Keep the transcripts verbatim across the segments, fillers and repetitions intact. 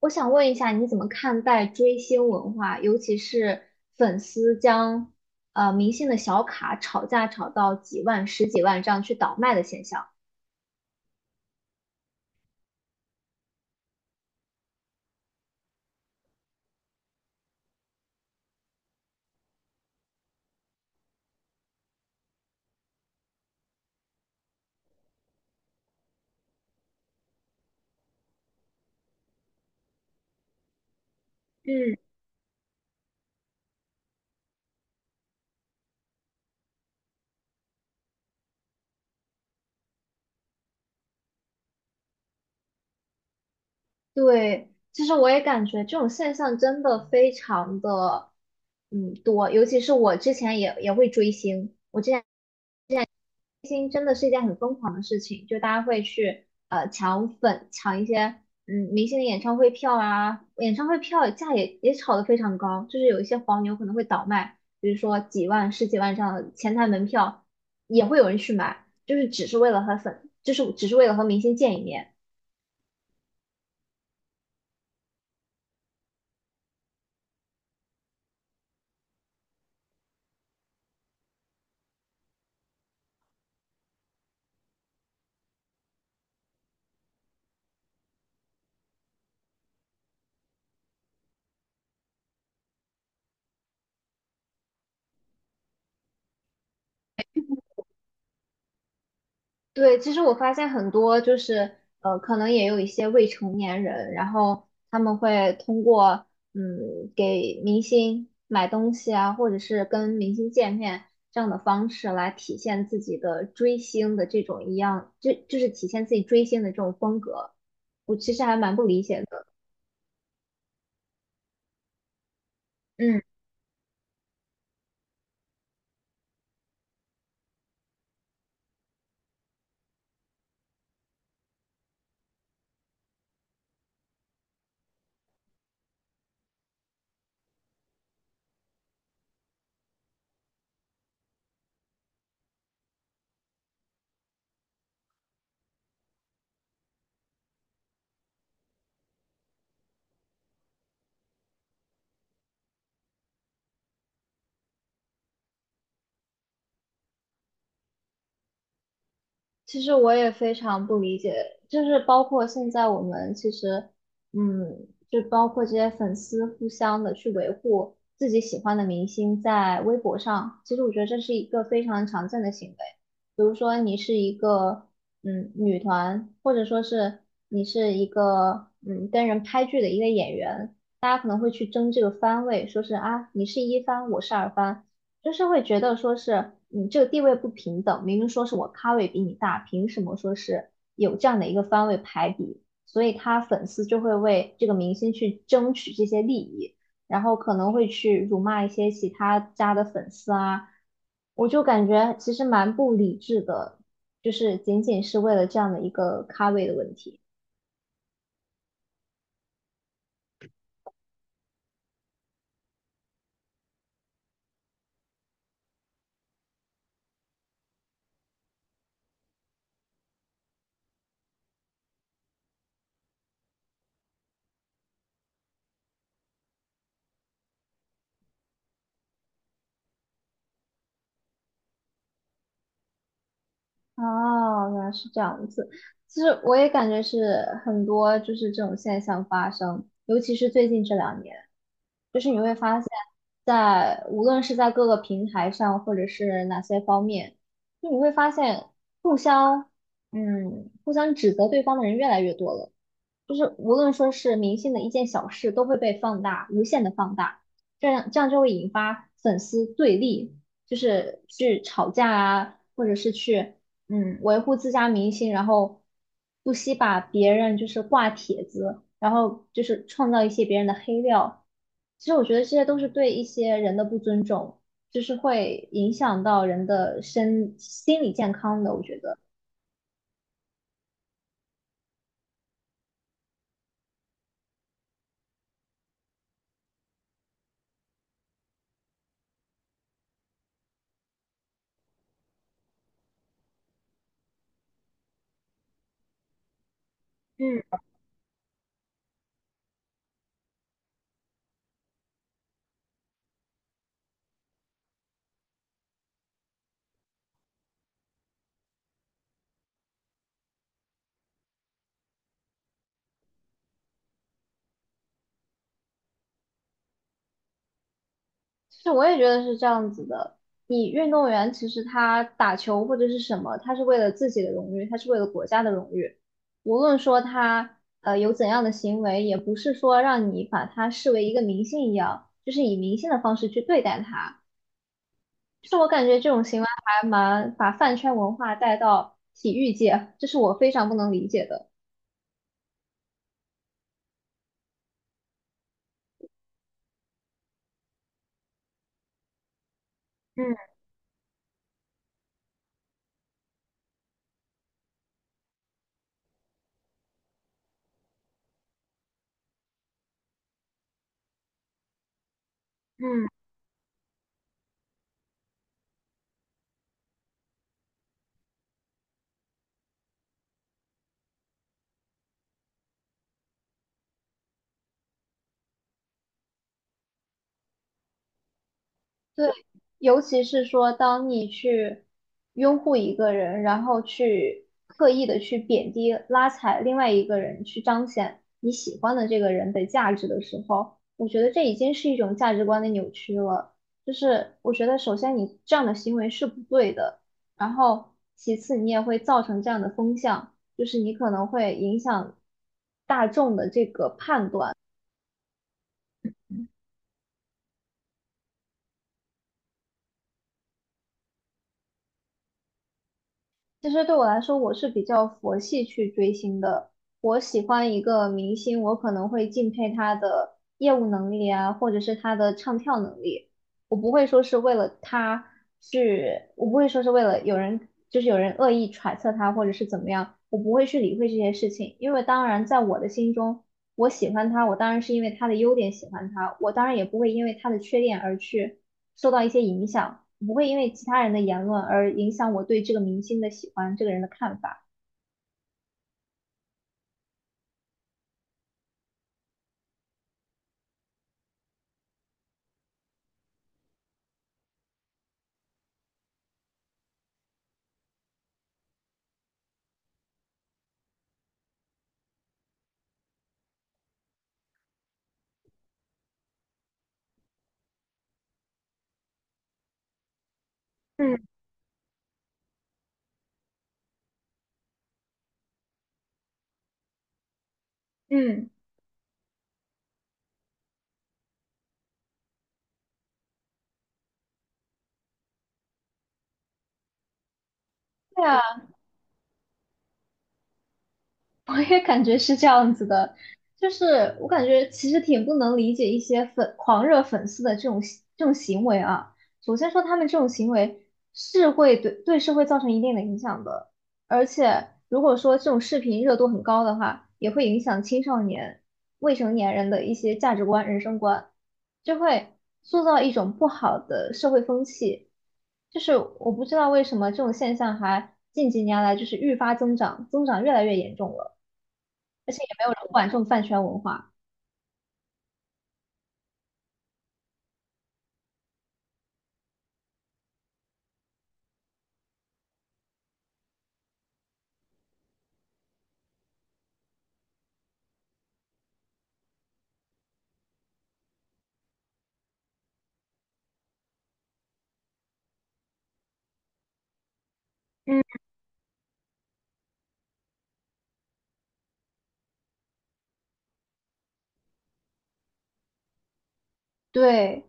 我想问一下，你怎么看待追星文化，尤其是粉丝将呃明星的小卡炒价炒到几万、十几万这样去倒卖的现象？嗯，对，其实我也感觉这种现象真的非常的嗯多，尤其是我之前也也会追星，我之前。明星真的是一件很疯狂的事情，就大家会去呃抢粉，抢一些嗯明星的演唱会票啊，演唱会票价也也炒得非常高，就是有一些黄牛可能会倒卖，比如说几万、十几万这样的前台门票也会有人去买，就是只是为了和粉，就是只是为了和明星见一面。对，其实我发现很多就是呃，可能也有一些未成年人，然后他们会通过嗯给明星买东西啊，或者是跟明星见面这样的方式来体现自己的追星的这种一样，就就是体现自己追星的这种风格，我其实还蛮不理解的。嗯。其实我也非常不理解，就是包括现在我们其实，嗯，就包括这些粉丝互相的去维护自己喜欢的明星在微博上，其实我觉得这是一个非常常见的行为。比如说你是一个嗯女团，或者说是你是一个嗯跟人拍剧的一个演员，大家可能会去争这个番位，说是啊你是一番，我是二番。就是会觉得说是你这个地位不平等，明明说是我咖位比你大，凭什么说是有这样的一个番位排比？所以他粉丝就会为这个明星去争取这些利益，然后可能会去辱骂一些其他家的粉丝啊，我就感觉其实蛮不理智的，就是仅仅是为了这样的一个咖位的问题。哦，原来是这样子。其实我也感觉是很多就是这种现象发生，尤其是最近这两年，就是你会发现在，无论是在各个平台上，或者是哪些方面，就你会发现互相嗯互相指责对方的人越来越多了。就是无论说是明星的一件小事，都会被放大，无限的放大，这样这样就会引发粉丝对立，就是去吵架啊，或者是去嗯，维护自家明星，然后不惜把别人就是挂帖子，然后就是创造一些别人的黑料。其实我觉得这些都是对一些人的不尊重，就是会影响到人的身心理健康的，我觉得。嗯，其实我也觉得是这样子的。你运动员其实他打球或者是什么，他是为了自己的荣誉，他是为了国家的荣誉。无论说他呃有怎样的行为，也不是说让你把他视为一个明星一样，就是以明星的方式去对待他。就是我感觉这种行为还蛮把饭圈文化带到体育界，这是我非常不能理解的。嗯，嗯，对，尤其是说，当你去拥护一个人，然后去刻意的去贬低、拉踩另外一个人，去彰显你喜欢的这个人的价值的时候，我觉得这已经是一种价值观的扭曲了。就是我觉得，首先你这样的行为是不对的，然后其次你也会造成这样的风向，就是你可能会影响大众的这个判断。其实对我来说，我是比较佛系去追星的。我喜欢一个明星，我可能会敬佩他的业务能力啊，或者是他的唱跳能力。我不会说是为了他去，我不会说是为了有人，就是有人恶意揣测他或者是怎么样，我不会去理会这些事情。因为当然，在我的心中，我喜欢他，我当然是因为他的优点喜欢他，我当然也不会因为他的缺点而去。受到一些影响，不会因为其他人的言论而影响我对这个明星的喜欢，这个人的看法。嗯嗯，对啊。我也感觉是这样子的，就是我感觉其实挺不能理解一些粉狂热粉丝的这种行这种行为啊。首先说他们这种行为是会对对社会造成一定的影响的，而且如果说这种视频热度很高的话，也会影响青少年、未成年人的一些价值观、人生观，就会塑造一种不好的社会风气。就是我不知道为什么这种现象还近几年来就是愈发增长，增长越来越严重了。而且也没有人管这种饭圈文化。嗯，对，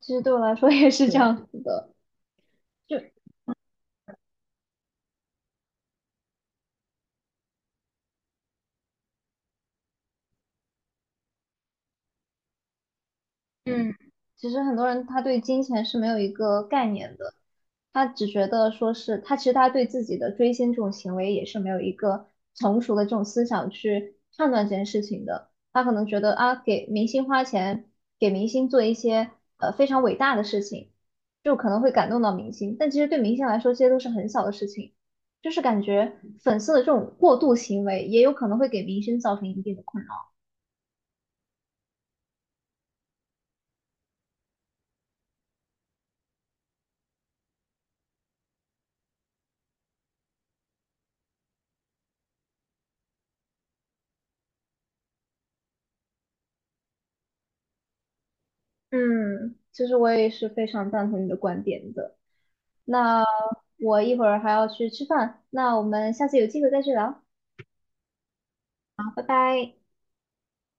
其实对我来说也是这样子的，就嗯其实很多人他对金钱是没有一个概念的，他只觉得说是他其实他对自己的追星这种行为也是没有一个成熟的这种思想去判断这件事情的。他可能觉得啊，给明星花钱，给明星做一些呃非常伟大的事情，就可能会感动到明星，但其实对明星来说，这些都是很小的事情。就是感觉粉丝的这种过度行为，也有可能会给明星造成一定的困扰。嗯，其实我也是非常赞同你的观点的。那我一会儿还要去吃饭，那我们下次有机会再去聊，好，拜拜。